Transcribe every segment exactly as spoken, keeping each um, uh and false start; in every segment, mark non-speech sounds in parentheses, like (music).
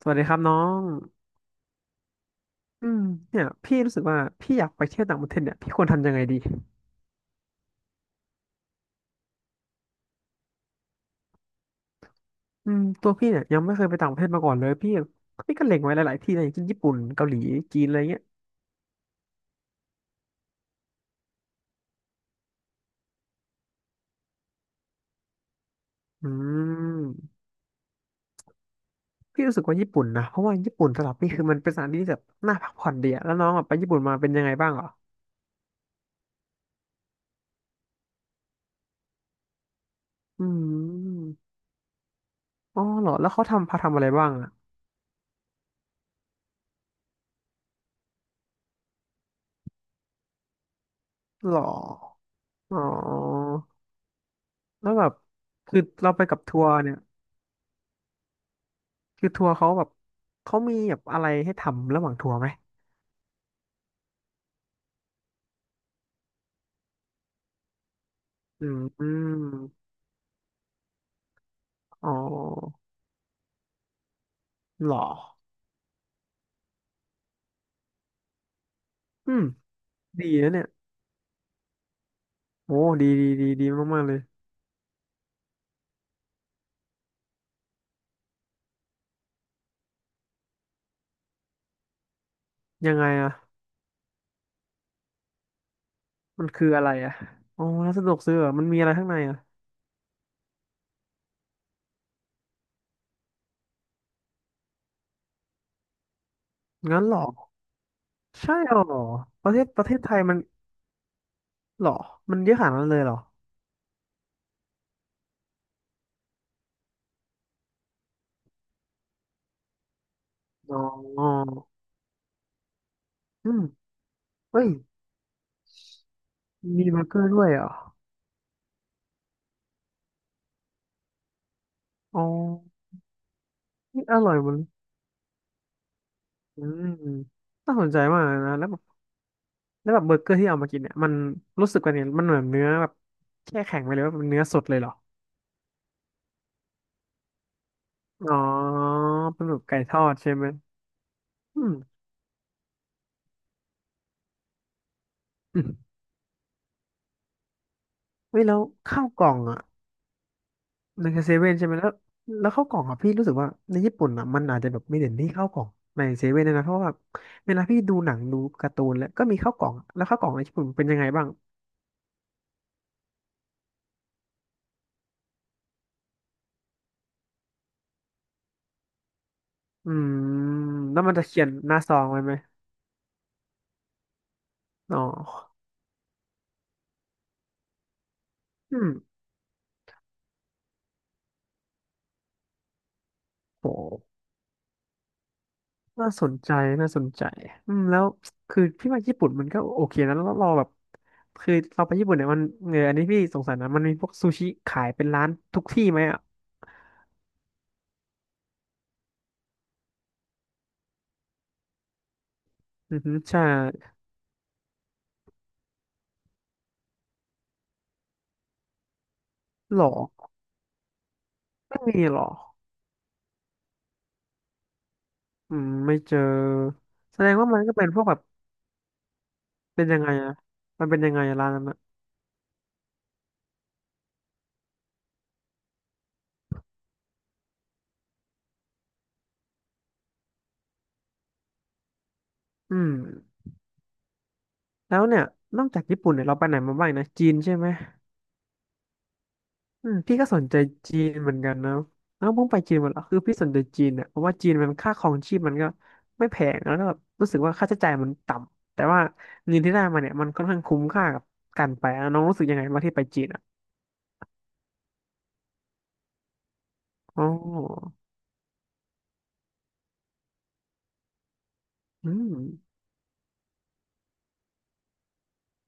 สวัสดีครับน้องอืมเนี่ยพี่รู้สึกว่าพี่อยากไปเที่ยวต่างประเทศเนี่ยพี่ควรทำยังไงดีอืมตัวพี่เนี่ยยังไม่เคยไปต่างประเทศมาก่อนเลยพี่พี่ก็เล็งไว้หลายๆที่นะอย่างเช่นญี่ปุ่นเกาหลีจีนอะไรเงี้ยอืมพี่รู้สึกว่าญี่ปุ่นนะเพราะว่าญี่ปุ่นสำหรับพี่คือมันเป็นสถานที่ที่แบบน่าพักผ่อนดีอะแล้วน้องอะไปญี่ปุ่นมาเป็นยังไงบ้างเหรออืมอ๋อเหรอแล้วเขาทำพาทำอะไรบ้างอะเหรออ๋อแล้วแบบคือเราไปกับทัวร์เนี่ยคือทัวร์เขาแบบเขามีแบบอะไรให้ทำระหว่างทัวร์ไหม อืมอมอ๋อเหรออืมดีนะเนี่ยโอ้ดีดีดีดีมากๆเลยยังไงอะมันคืออะไรอะอ๋อร้านสะดวกซื้อเหรอมันมีอะไรข้างในอะงั้นเหรอใช่หรอประเทศประเทศไทยมันเหรอมันเยอะขนาดนั้นเลยเหรอ อ๋ออืมเฮ้ยมีเบอร์เกอร์ด้วยเหรออ๋อนี่อร่อยหมันอืมน่าสนใจมากเลยนะแล้วแบบแล้วแบบเบอร์เกอร์ที่เอามากินเนี่ยมันรู้สึกว่าเนี่ยมันเหมือนเนื้อแบบแช่แข็งไปเลยว่าเป็นเนื้อสดเลยเหรอ อ๋อเป็นแบบไก่ทอดใช่ไหมอืมอืมเฮ้ยแล้วข้าวกล่องอ่ะในเซเว่นใช่ไหม แล้วแล้วข้าวกล่องอ่ะพี่รู้สึกว่าในญี่ปุ่นอ่ะมันอาจจะแบบไม่เด่นที่ข้าวกล่องในเซเว่นนะนะเพราะว่าแบบเวลาพี่ดูหนังดูการ์ตูนแล้วก็มีข้าวกล่องแล้วข้าวกล่องในญี่ปุ่นเป็นยังไงบ้างอืมแล้วมันจะเขียนหน้าซองไว้ไหมอ๋ออืมโห น่าสนใจน่าสนใจอืมแล้วคือพี่ว่าญี่ปุ่นมันก็โอเคนะแล้วเราแบบคือเราไปญี่ปุ่นเนี่ยมันเอออันนี้พี่สงสัยนะมันมีพวกซูชิขายเป็นร้านทุกที่ไหมอ่ะอือฮึใช่หรอไม่มีหรออืมไม่เจอแสดงว่ามันก็เป็นพวกแบบเป็นยังไงอะมันเป็นยังไงอะร้านนั้นอะอืมแล้วเนี่ยนอกจากญี่ปุ่นเนี่ยเราไปไหนมาบ้างนะจีนใช่ไหม อืมพี่ก็สนใจจีนเหมือนกันนะแล้วเพิ่งไปจีนหมดแล้วคือพี่สนใจจีนเนี่ยเพราะว่าจีนมันค่าครองชีพมันก็ไม่แพงแล้วก็แบบรู้สึกว่าค่าใช้จ่ายมันต่ำแต่ว่าเงินที่ได้มาเนี่ยมันค่อนข้างคุ้มค่ากับการไปอ่ะน้องรู้สึกยังไงบ้างที่ไปจีนอ่ะอ๋ออืม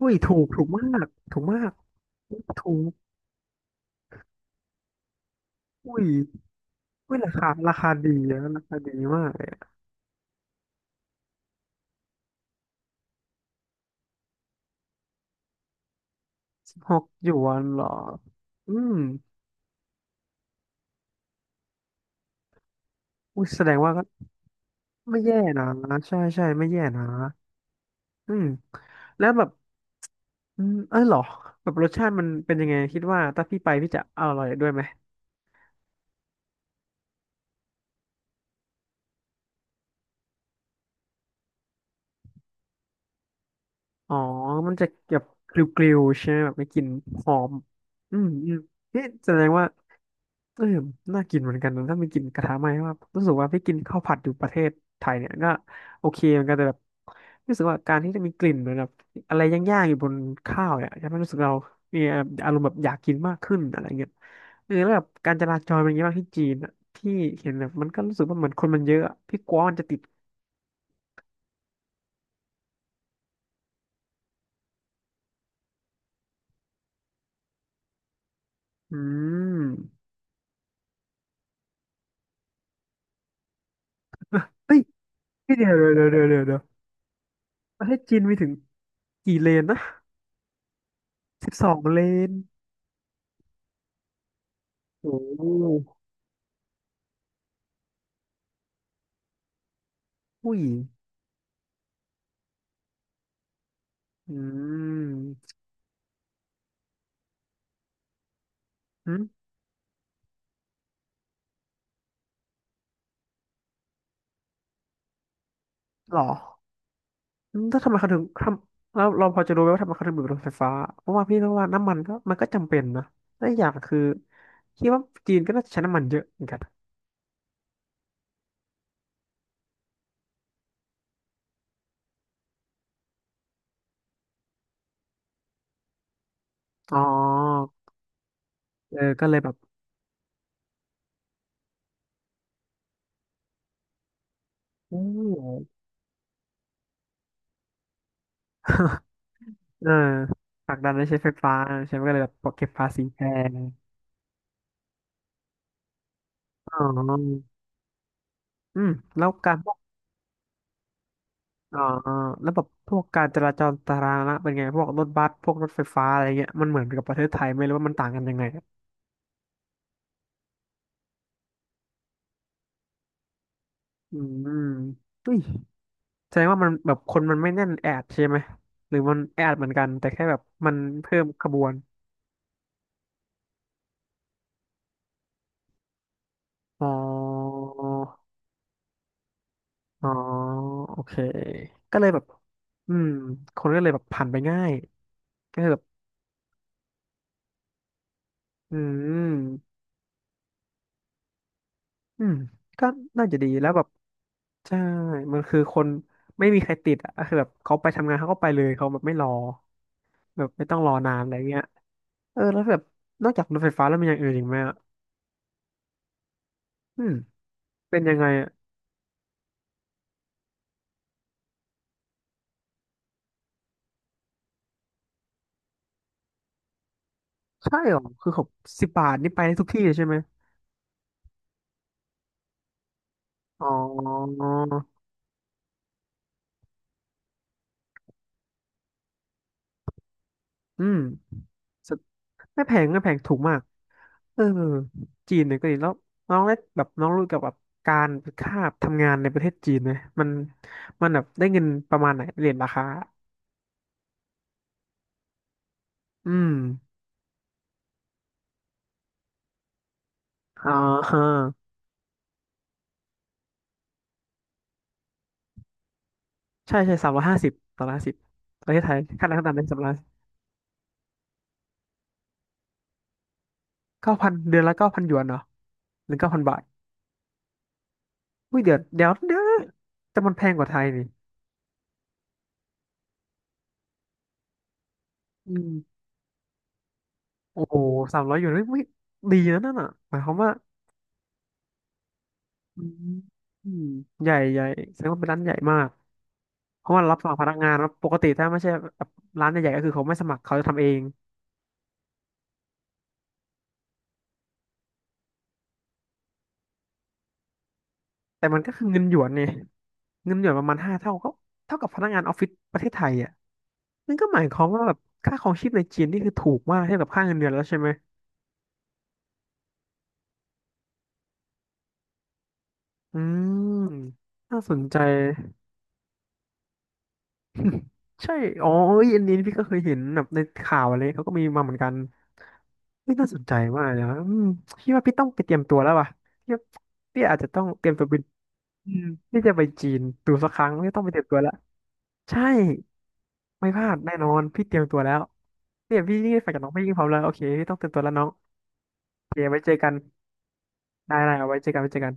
อุ้ยถูกถูกมากถูกมากถูกอุ้ยอุ้ยราคาราคาดีนะราคาดีมากสิบหกหยวนเหรออืมอุ้ยแสดงว่าก็ไม่แย่นะใช่ใช่ไม่แย่นะ อืมแล้วแบบอืมเออเหรอแบบรสชาติมันเป็นยังไงคิดว่าถ้าพี่ไปพี่จะอร่อยด้วยไหมอ๋อมันจะแบบกริวๆใช่ไหมแบบไม่กลินหอมอืมอืมนี่แสดงว่า เออน่ากินเหมือนกันนะถ้าไม่กินกระทะไหม้ว่ารู้สึกว่าพี่กินข้าวผัดอยู่ประเทศไทยเนี่ยก็โอเคเหมือนกันแต่แบบรู้สึกว่าการที่จะมีกลิ่นเหมือนแบบอะไรย่างๆอยู่บนข้าวเนี่ยจะไม่รู้สึกเรามีอารมณ์แบบอยากกินมากขึ้นอะไรเงี้ยเออแล้วแบบการจราจรเป็นยังไงบ้างที่จีนอะที่เห็นแบบมันก็รู้สึกว่าเหมือนคนมันเยอะอะพี่กลัวมันจะติดอืมเฮ้ยพี่เดี๋ยวเดี๋ยวเดี๋ยวเดี๋ยวเดี๋ยวเดี๋ยวประเทศจีนมีถึงกี่เลนนะสิบสองเลนโอ้โหอุ้ยอืม หรออืมถ้าทำไมเขาถึงทำแล้วเราพอจะรู้ไหมว่าทำไมเขาถึงมีรถไฟฟ้าเพราะว่าพี่ก็ว่าน้ำมันก็มันก็จำเป็นนะและอีกอย่างคือคิดว่าจีนก็น่าจะใช้น้ำมันเยอะเหมือนกันอ๋อเออก็เลยแบบ (laughs) อืม (laughs) เออผลักดันให้ใช้ไฟฟ้าใช่ไหมก็เลยแบบเก็บภาษีแพงอ๋ออืมแล้วการพวกอ๋อแล้วแบบพวกการจราจรสาธารณะเป็นไงพวกรถบัสพวกรถไฟฟ้าอะไรเงี้ยมันเหมือนกับประเทศไทยไหมหรือว่ามันต่างกันยังไงอะอืมอุ้ย แสดงว่ามันแบบคนมันไม่แน่นแออัดใช่ไหมหรือมันแออัดเหมือนกันแต่แค่แบบมันเพิ่มขบวนอ๋ออ๋อโอเคก็เลยแบบอืมคนก็เลยแบบผ่านไปง่ายก็คือแบบอืมอืมก็น่าจะดีแล้วแบบใช่มันคือคนไม่มีใครติดอ่ะก็คือแบบเขาไปทำงานเขาก็ไปเลยเขาแบบไม่รอแบบไม่ต้องรอนานอะไรเงี้ยเออแล้วแบบนอกจากรถไฟฟ้าแล้วมีอย่างอื่นอีกไหมอ่ะอืมเป็นยังไงอ่ะใช่เหรอคือเขาสิบบาทนี่ไปได้ทุกที่เลยใช่ไหม อ๋อ อืมสดไม่แพงไม่แพงถูกมากเออจีนเนี่ยก็ดีแล้วน้องได้แบบน้องรู้เกี่ยวกับการค่าทำงานในประเทศจีนไหมมันมันแบบได้เงินประมาณไหนเรียนราคา อืมอ่าฮะใช่ ใช่สามร้อยห้าสิบสามร้อยห้าสิบประเทศไทยค่าแรงขั้นต่ำเป็นสามร้อยเก้าพัน เดือนละเก้าพันหยวนเนาะหรือเก้าพันบาทอุ้ยเดี๋ยวเดี๋ยวเดี๋ยวแต่มันแพงกว่าไทยนี่อืมโอ้โหสามร้อยหยวนเฮ้ยไม่ดีนะนั่นอ่ะหมายความว่า อืมอืมใหญ่ใหญ่แสดงว่าเป็นร้านใหญ่มากเพราะว่ารับสมัครพนักงานแล้วปกติถ้าไม่ใช่แบบร้านใหญ่ๆก็คือเขาไม่สมัครเขาจะทำเองแต่มันก็คือเงินหยวนเนี่ยเงินหยวนประมาณห้าเท่าก็เท่ากับพนักงานออฟฟิศประเทศไทยอ่ะนั่นก็หมายความว่าแบบค่าครองชีพในจีนนี่คือถูกมากเทียบกับค่าเงินเดือนแล้วใช่ไหมอืมน่าสนใจ (laughs) ใช่อ๋อเอ้ยอันนี้พี่ก็เคยเห็นแบบในข่าวอะไรเขาก็มีมาเหมือนกัน ไม่น่าสนใจมากเลยนะอืมพี่ว่าพี่ต้องไปเตรียมตัวแล้วว่ะพี่ว่าพี่อาจจะต้องเตรียมตัวบินอืมพี่จะไปจีนดูสักครั้งไม่ต้องไปเตรียมตัวแล้วใช่ ไม่พลาดแน่นอนพี่เตรียมตัวแล้วเนี่ยพี่นี่ฝากจากน้องพี่ยิ่งพร้อมแล้วโอเคพี่ต้องเตรียมตัวแล้วน้องโอเคไว้เจอกันได้ได้เอาไว้เจอกันไว้เจอกัน